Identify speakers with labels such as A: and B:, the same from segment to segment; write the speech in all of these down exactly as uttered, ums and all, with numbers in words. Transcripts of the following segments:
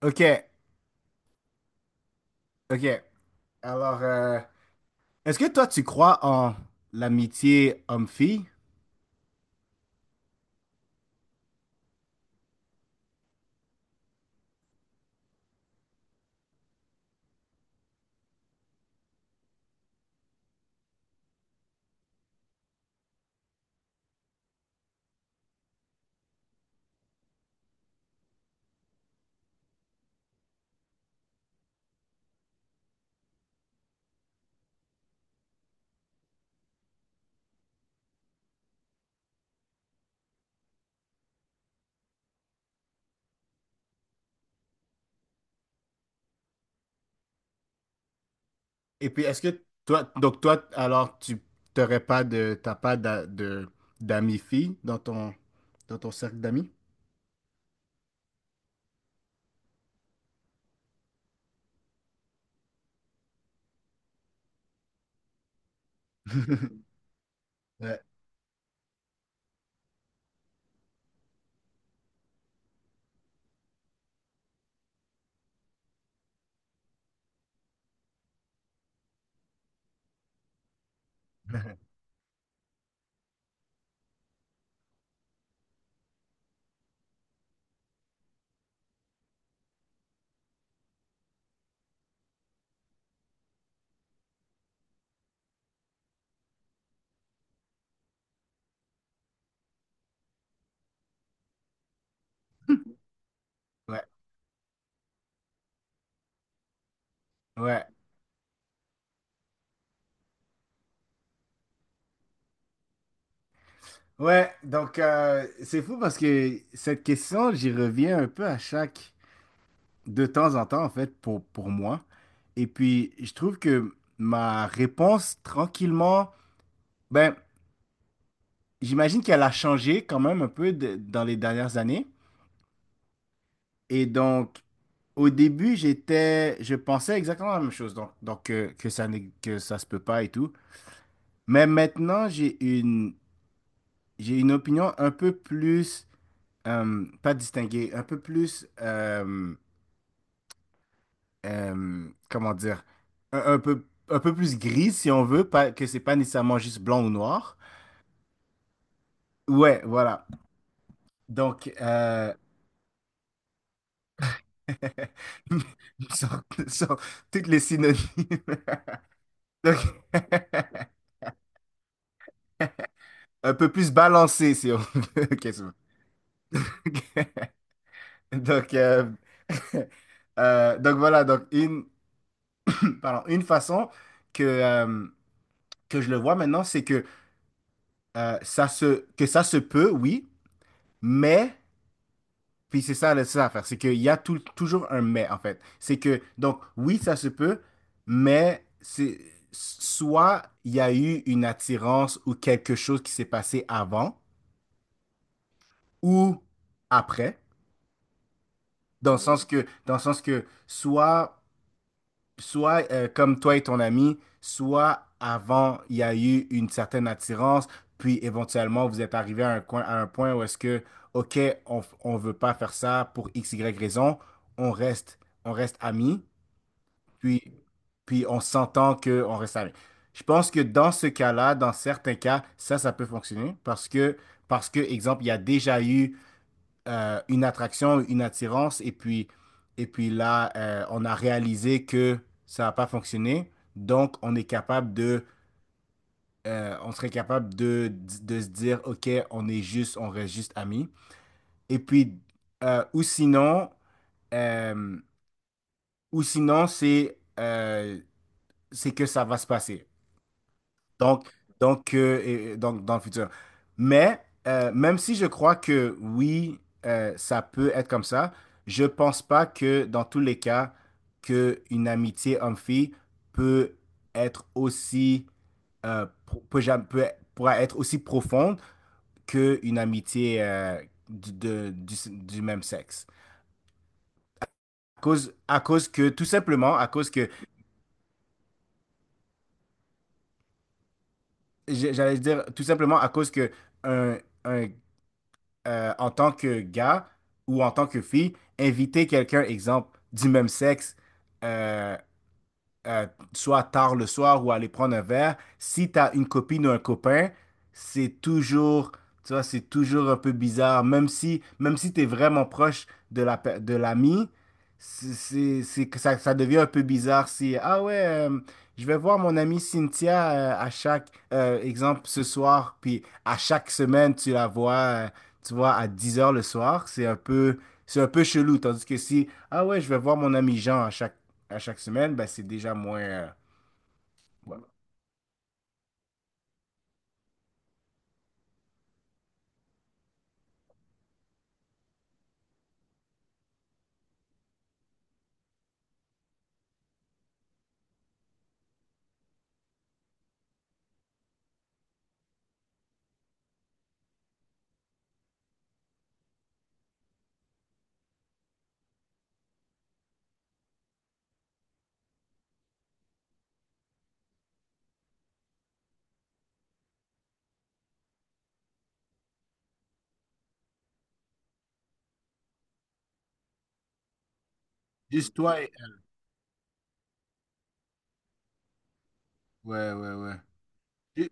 A: Ok, ok. Alors, euh, est-ce que toi, tu crois en l'amitié homme-fille? Et puis, est-ce que toi, donc toi, alors, tu t'aurais pas de, t'as pas d'a- de, d'amis filles dans ton, dans ton cercle d'amis? Ouais, ouais, ouais. Ouais, donc euh, c'est fou parce que cette question, j'y reviens un peu à chaque, de temps en temps en fait, pour, pour moi. Et puis, je trouve que ma réponse, tranquillement, ben, j'imagine qu'elle a changé quand même un peu de- dans les dernières années. Et donc, au début, j'étais, je pensais exactement la même chose, donc, donc que, que ça n'est- que ça se peut pas et tout. Mais maintenant, j'ai une, j'ai une opinion un peu plus, euh, pas distinguée, un peu plus, euh, euh, comment dire, un, un peu, un peu plus grise si on veut, pas, que c'est pas nécessairement juste blanc ou noir. Ouais, voilà. Donc, euh, Sur, sur toutes les synonymes. Donc, un peu plus balancé, si on veut. Ok, c'est bon. Donc, euh, euh, donc voilà, donc une, pardon, une façon que, euh, que je le vois maintenant, c'est que, euh, ça se, que ça se peut, oui, mais puis c'est ça, là, c'est ça l'affaire, c'est qu'il y a tout- toujours un mais, en fait. C'est que, donc, oui, ça se peut, mais c'est soit il y a eu une attirance ou quelque chose qui s'est passé avant ou après, dans le sens Mhm. que, dans le sens que soit soit euh, comme toi et ton ami, soit avant, il y a eu une certaine attirance, puis éventuellement, vous êtes arrivé à un, coin- à un point où est-ce que, OK, on ne veut pas faire ça pour X, Y raison, on reste, on reste amis, puis, puis on s'entend qu'on reste amis. Je pense que dans ce cas-là, dans certains cas, ça, ça peut fonctionner parce que, parce que, exemple, il y a déjà eu euh, une attraction, une attirance, et puis, et puis là, euh, on a réalisé que ça n'a pas fonctionné. Donc, on est capable de, euh, on serait capable de, de se dire, OK, on est juste, on reste juste amis. Et puis, euh, ou sinon, euh, ou sinon, c'est euh, c'est que ça va se passer. Donc, donc, euh, et- et donc dans le futur. Mais euh, même si je crois que oui, euh, ça peut être comme ça, je pense pas que dans tous les cas, que une amitié homme-fille peut être aussi euh, pro- peut, jam- peut- pourra être aussi profonde qu'une amitié euh, du, de- du, du même sexe. À cause, à cause que tout simplement, à cause que j'- j'allais dire tout simplement à cause que un un euh, en tant que gars ou en tant que fille, inviter quelqu'un, exemple, du même sexe, euh, euh, soit tard le soir ou aller prendre un verre, si tu as une copine ou un copain, c'est toujours, tu vois, c'est toujours un peu bizarre, même si, même si tu es vraiment proche de la, pe- de l'ami, c'est, c'est, c'est que ça, ça devient un peu bizarre si, ah ouais, euh, je vais voir mon amie Cynthia euh, à chaque euh, exemple ce soir, puis à chaque semaine, tu la vois, euh, tu vois, à dix heures le soir. C'est un peu, c'est un peu chelou. Tandis que si, ah ouais, je vais voir mon ami Jean à chaque, à chaque semaine, ben c'est déjà moins. Euh, ouais. Juste toi et... Ouais, ouais, ouais. Ju-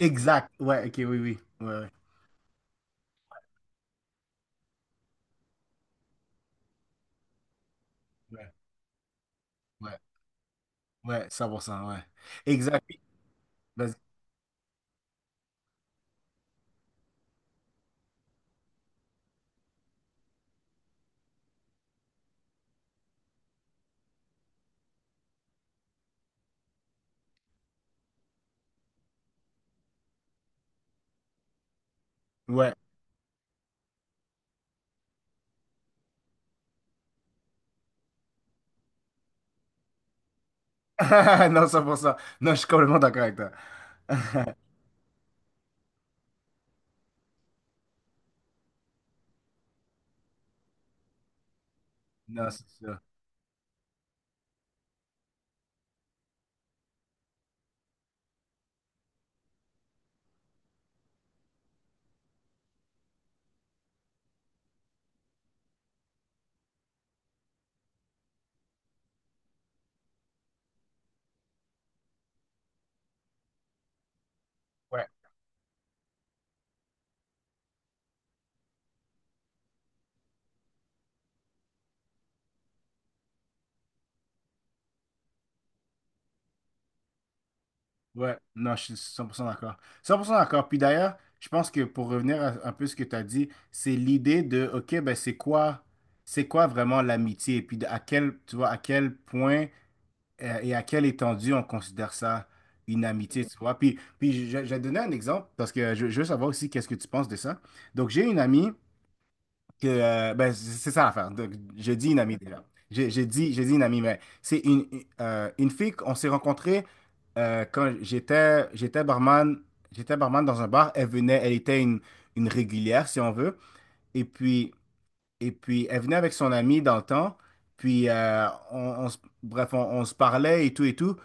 A: Exact. Ouais, ok, oui, oui. Ouais, ouais, ouais, ouais, ouais, cent pour cent, ouais. Exact. Oui, vas-y. Ouais. Non, cent pour cent. Non, je suis complètement d'accord avec toi. Non, c'est ça. Ouais. Ouais, non, je suis cent pour cent d'accord. Cent pour cent d'accord. Puis d'ailleurs, je pense que pour revenir à- un peu ce que tu as dit, c'est l'idée de, OK, ben c'est quoi, c'est quoi vraiment l'amitié? Et puis de- à quel, tu vois, à quel point euh, et à quelle étendue on considère ça une amitié, Mhm. tu vois? Puis, puis je, je vais te donner un exemple parce que je, je veux savoir aussi qu'est-ce que tu penses de ça. Donc, j'ai une amie que, euh, ben, c'est c'est ça l'affaire. Donc, je dis une amie déjà. J'ai j'ai dit, j'ai dit une amie, mais c'est une, une euh, une fille qu'on s'est rencontrée euh, quand j'étais, j'étais barman, j'étais barman dans un bar. Elle venait, elle était une, une régulière, si on veut. Et puis, et puis, elle venait avec son amie dans le temps. Puis, euh, on, on se- bref, on, on se parlait et tout et tout.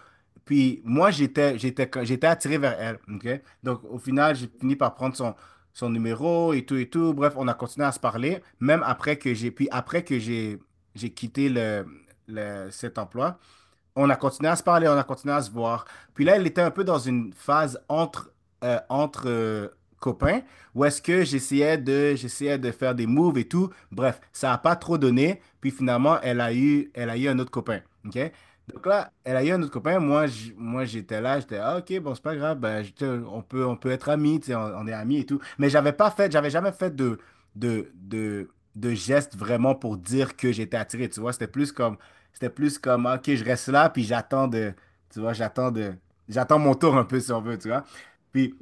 A: Puis, moi, j'étais, j'étais, co- j'étais attiré vers elle. OK? Donc, au final, j'ai fini par prendre son, son numéro et tout et tout. Bref, on a continué à se parler, même après que j'ai, puis après que j'ai, j'ai quitté le, le- cet emploi, on a continué à se parler, on a continué à se voir. Puis là, elle était un peu dans une phase entre, euh, entre euh, copains, où est-ce que j'essayais de, j'essayais de faire des moves et tout. Bref, ça n'a pas trop donné. Puis finalement, elle a eu, elle a eu un autre copain. OK? Donc là, elle a eu un autre copain. Moi, j- moi j'étais là, j'étais, ah, ok, bon, c'est pas grave, ben, je te- on peut, on peut être amis, tu sais, on, on est amis et tout. Mais j'avais pas fait, j'avais jamais fait de, de, de, de geste vraiment pour dire que j'étais attiré, tu vois. C'était plus comme, c'était plus comme, OK, je reste là, puis j'attends de, tu vois, j'attends de, j'attends mon tour un peu, si on veut, tu vois. Puis,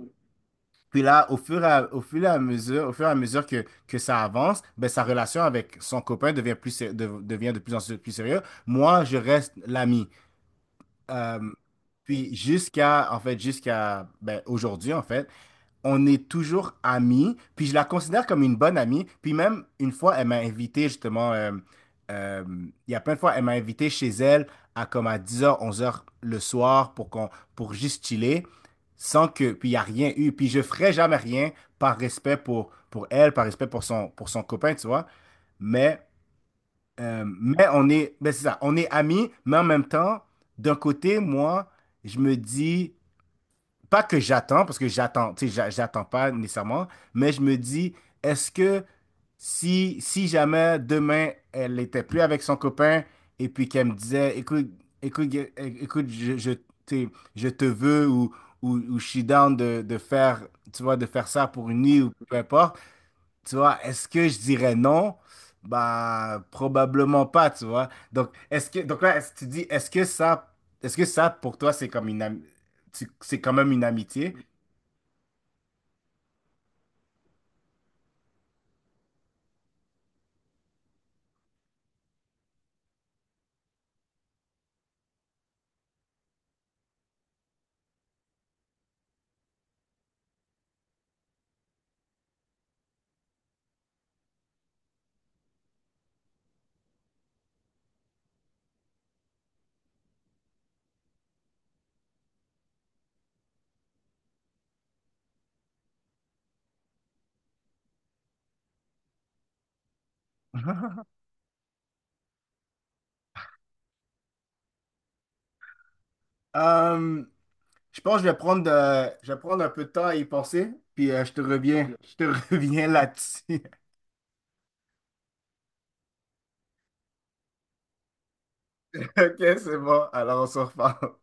A: puis là, au fur et à, au fur et à mesure, au fur et à mesure que, que ça avance, ben, sa relation avec son copain devient, plus, sé- de- devient de plus en plus sérieux. Moi, je reste l'ami. Euh, puis jusqu'à, en fait, jusqu'à ben, aujourd'hui, en fait, on est toujours amis, puis je la considère comme une bonne amie, puis même une fois, elle m'a invité justement, euh, euh, il y a plein de fois, elle m'a invité chez elle à comme à dix heures, onze heures le soir pour qu'on, pour juste chiller, sans que, puis il n'y a rien eu, puis je ferai jamais rien par respect pour, pour elle, par respect pour son, pour son copain, tu vois, mais, euh, mais on est, ben c'est ça, on est amis, mais en même temps, d'un côté, moi, je me dis, pas que j'attends, parce que j'attends, tu sais, j'a- j'attends pas nécessairement, mais je me dis, est-ce que si, si jamais demain elle était plus avec son copain et puis qu'elle me disait, écoute, écoute, gue- é- écoute, je, je, tu sais, je te veux ou, ou, ou je suis down de, de faire, tu vois, de faire ça pour une nuit ou peu importe. Tu vois, est-ce que je dirais non? Bah, probablement pas, tu vois. Donc, est-ce que, donc là, est-ce que tu dis, est-ce que ça, est-ce que ça, pour toi, c'est comme une, am- tu- c'est quand même une amitié? Euh, je pense que je vais prendre, euh, je vais prendre un peu de temps à y penser, puis euh, je te reviens, je te reviens là-dessus. Ok, c'est bon. Alors, on se reparle.